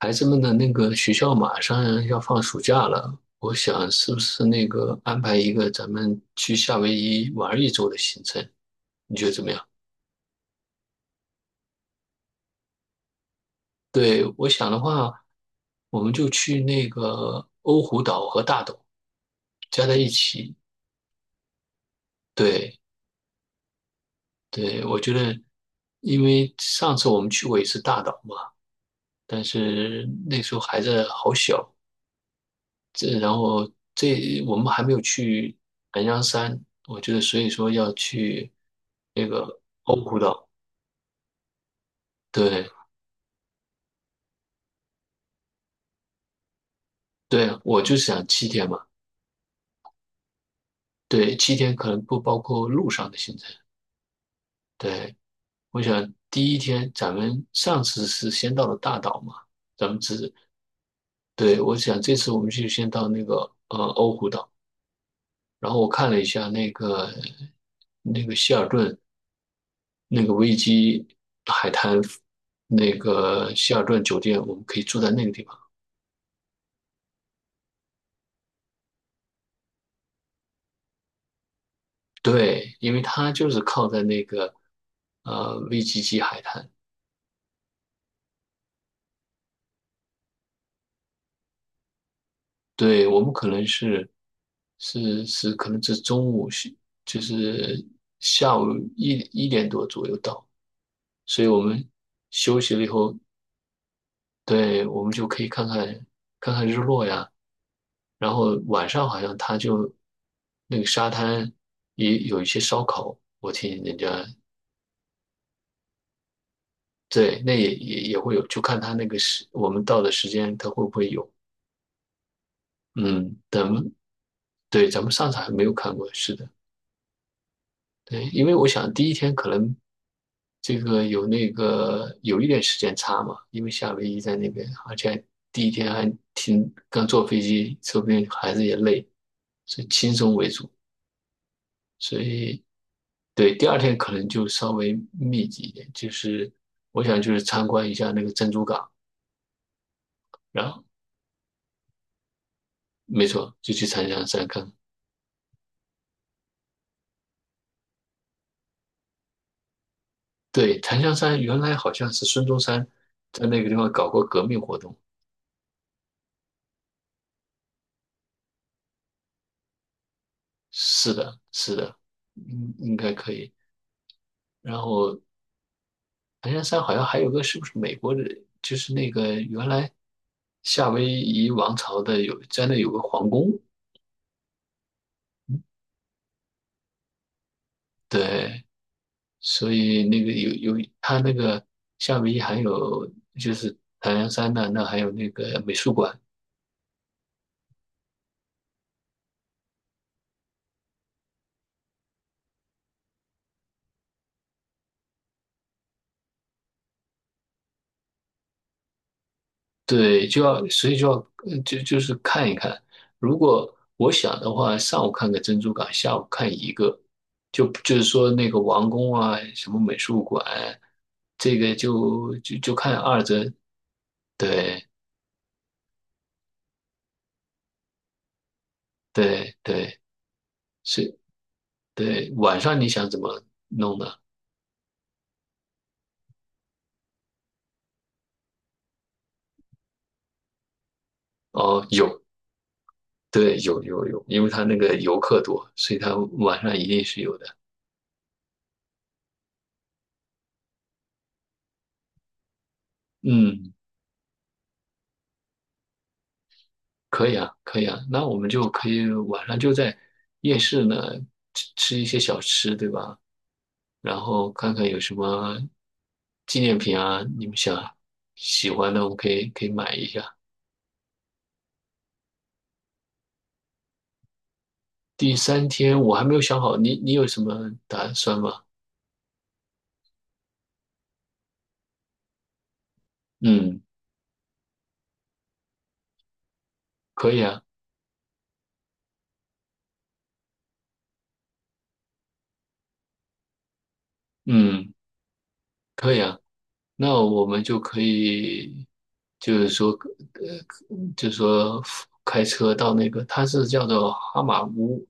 孩子们的那个学校马上要放暑假了，我想是不是那个安排一个咱们去夏威夷玩一周的行程？你觉得怎么样？对，我想的话，我们就去那个欧胡岛和大岛加在一起。对，对，我觉得，因为上次我们去过一次大岛嘛，但是那时候孩子好小，然后我们还没有去南洋山，我觉得所以说要去那个欧胡岛。对对，我就想七天嘛。对，七天可能不包括路上的行程。对，我想第一天咱们上次是先到了大岛嘛，咱们只对我想这次我们就先到那个欧胡岛，然后我看了一下那个希尔顿。那个维基海滩那个希尔顿酒店，我们可以住在那个地方。对，因为它就是靠在那个VGG 海滩。对，我们可能是是，可能是中午是就是下午一点多左右到，所以我们休息了以后，对，我们就可以看看日落呀。然后晚上好像他就那个沙滩也有一些烧烤，我听人家对，那也会有，就看他那个时我们到的时间，他会不会有。嗯，对咱们上次还没有看过，是的。对，因为我想第一天可能这个有那个有一点时间差嘛，因为夏威夷在那边，而且第一天还挺刚坐飞机，说不定孩子也累，所以轻松为主。所以对第二天可能就稍微密集一点，就是我想就是参观一下那个珍珠港，然后没错就去长江山看看。对，檀香山原来好像是孙中山在那个地方搞过革命活动。是的，是的，应该可以。然后檀香山好像还有个是不是美国人？就是那个原来夏威夷王朝的有在那有个皇宫，对，所以那个有它那个夏威夷还有就是檀香山呢，那还有那个美术馆。对，就要，所以就要，就是看一看。如果我想的话，上午看个珍珠港，下午看一个，就是说那个王宫啊，什么美术馆，这个就看二者。对对对，是，对。晚上你想怎么弄呢？哦，有，对，有，因为他那个游客多，所以他晚上一定是有的。嗯。可以啊，可以啊，那我们就可以晚上就在夜市呢吃一些小吃，对吧？然后看看有什么纪念品啊，你们想喜欢的，我们可以买一下。第三天我还没有想好，你有什么打算吗？嗯，可以啊，嗯，可以啊。那我们就可以，就是说，就是说开车到那个，它是叫做哈马乌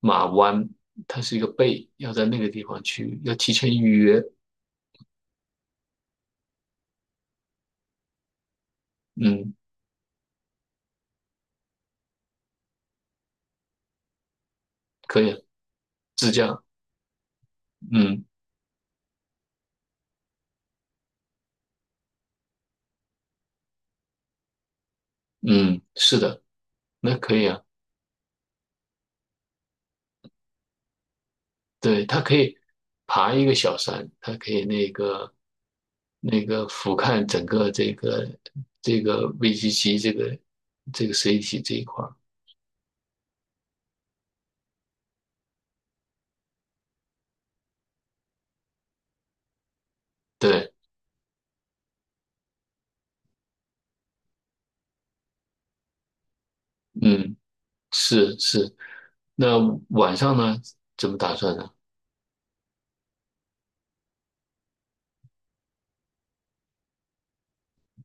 马湾，它是一个贝，要在那个地方去，要提前预约。嗯，可以啊，自驾。嗯嗯，是的，那可以啊。对，它可以爬一个小山，它可以那个俯瞰整个这个VGC 这个city 这一块儿。对，嗯。是是，那晚上呢？怎么打算呢？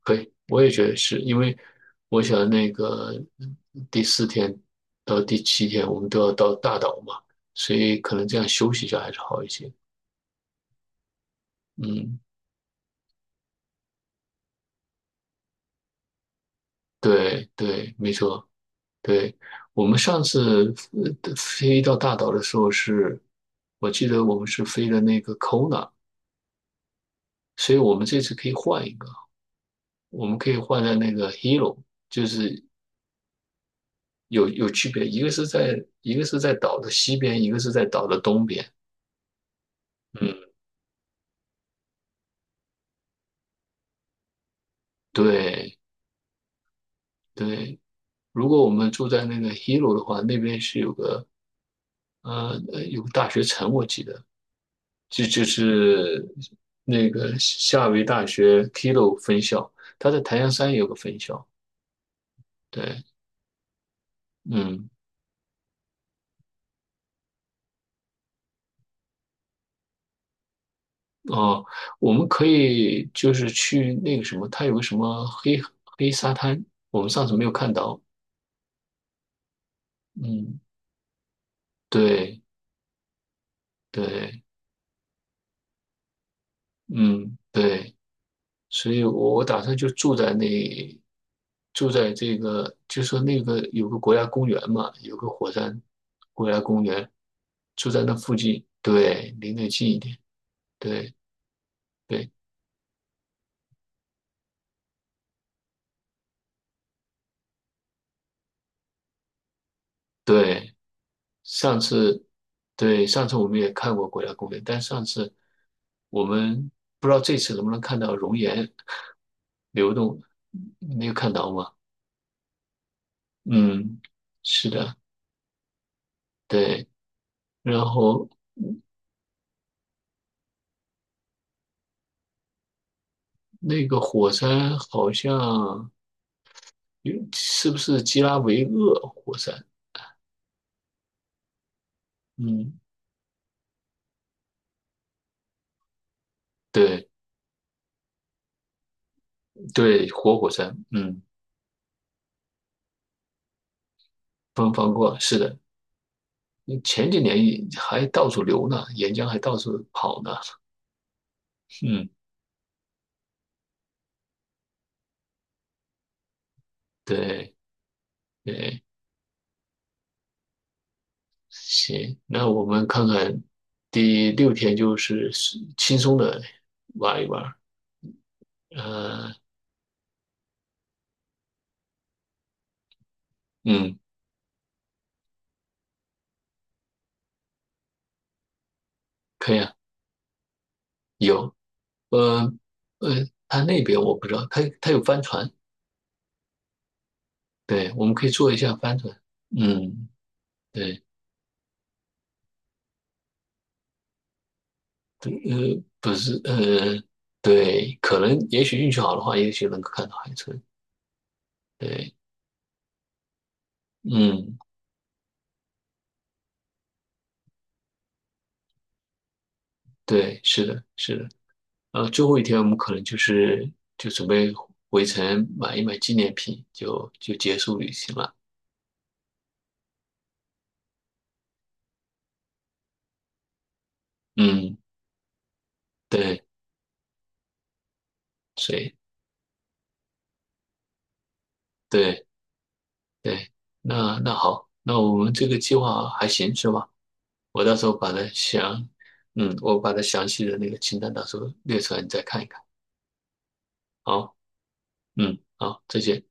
可以，我也觉得是因为我想那个第四天到第七天我们都要到大岛嘛，所以可能这样休息一下还是好一些。嗯，对对，没错，对。我们上次飞到大岛的时候是，我记得我们是飞的那个 Kona，所以我们这次可以换一个，我们可以换在那个 Hilo，就是有区别，一个是在一个是在岛的西边，一个是在岛的东边。嗯，对对。如果我们住在那个 Hilo 的话，那边是有个有个大学城，我记得这就是那个夏威夷大学 Hilo 分校，它在檀香山也有个分校。对，嗯哦，我们可以就是去那个什么，它有个什么黑沙滩，我们上次没有看到。嗯，对对。嗯，对，所以我打算就住在那，住在这个，就说那个有个国家公园嘛，有个火山国家公园，住在那附近，对，离那近一点，对对对。上次，对，上次我们也看过国家公园，但上次我们不知道这次能不能看到熔岩流动，没有看到吗？嗯，是的，对。然后那个火山好像有是不是基拉维厄火山？嗯，对对，活火山，嗯，不能放过。是的，前几年也还到处流呢，岩浆还到处跑呢。嗯，对对，行，那我们看看第六天就是是轻松的玩一玩。呃，嗯，可以啊，有，呃他那边我不知道，他有帆船。对，我们可以做一下翻转。嗯，对，不不是，对，可能也许运气好的话，也许能够看到海豚。对，嗯，对，是的，是的。最后一天我们可能就是就准备回程买一买纪念品，就结束旅行了。嗯，对，所以对对，那那好，那我们这个计划还行是吧？我到时候把它详，嗯，我把它详细的那个清单到时候列出来，你再看一看。好。嗯，好，再见。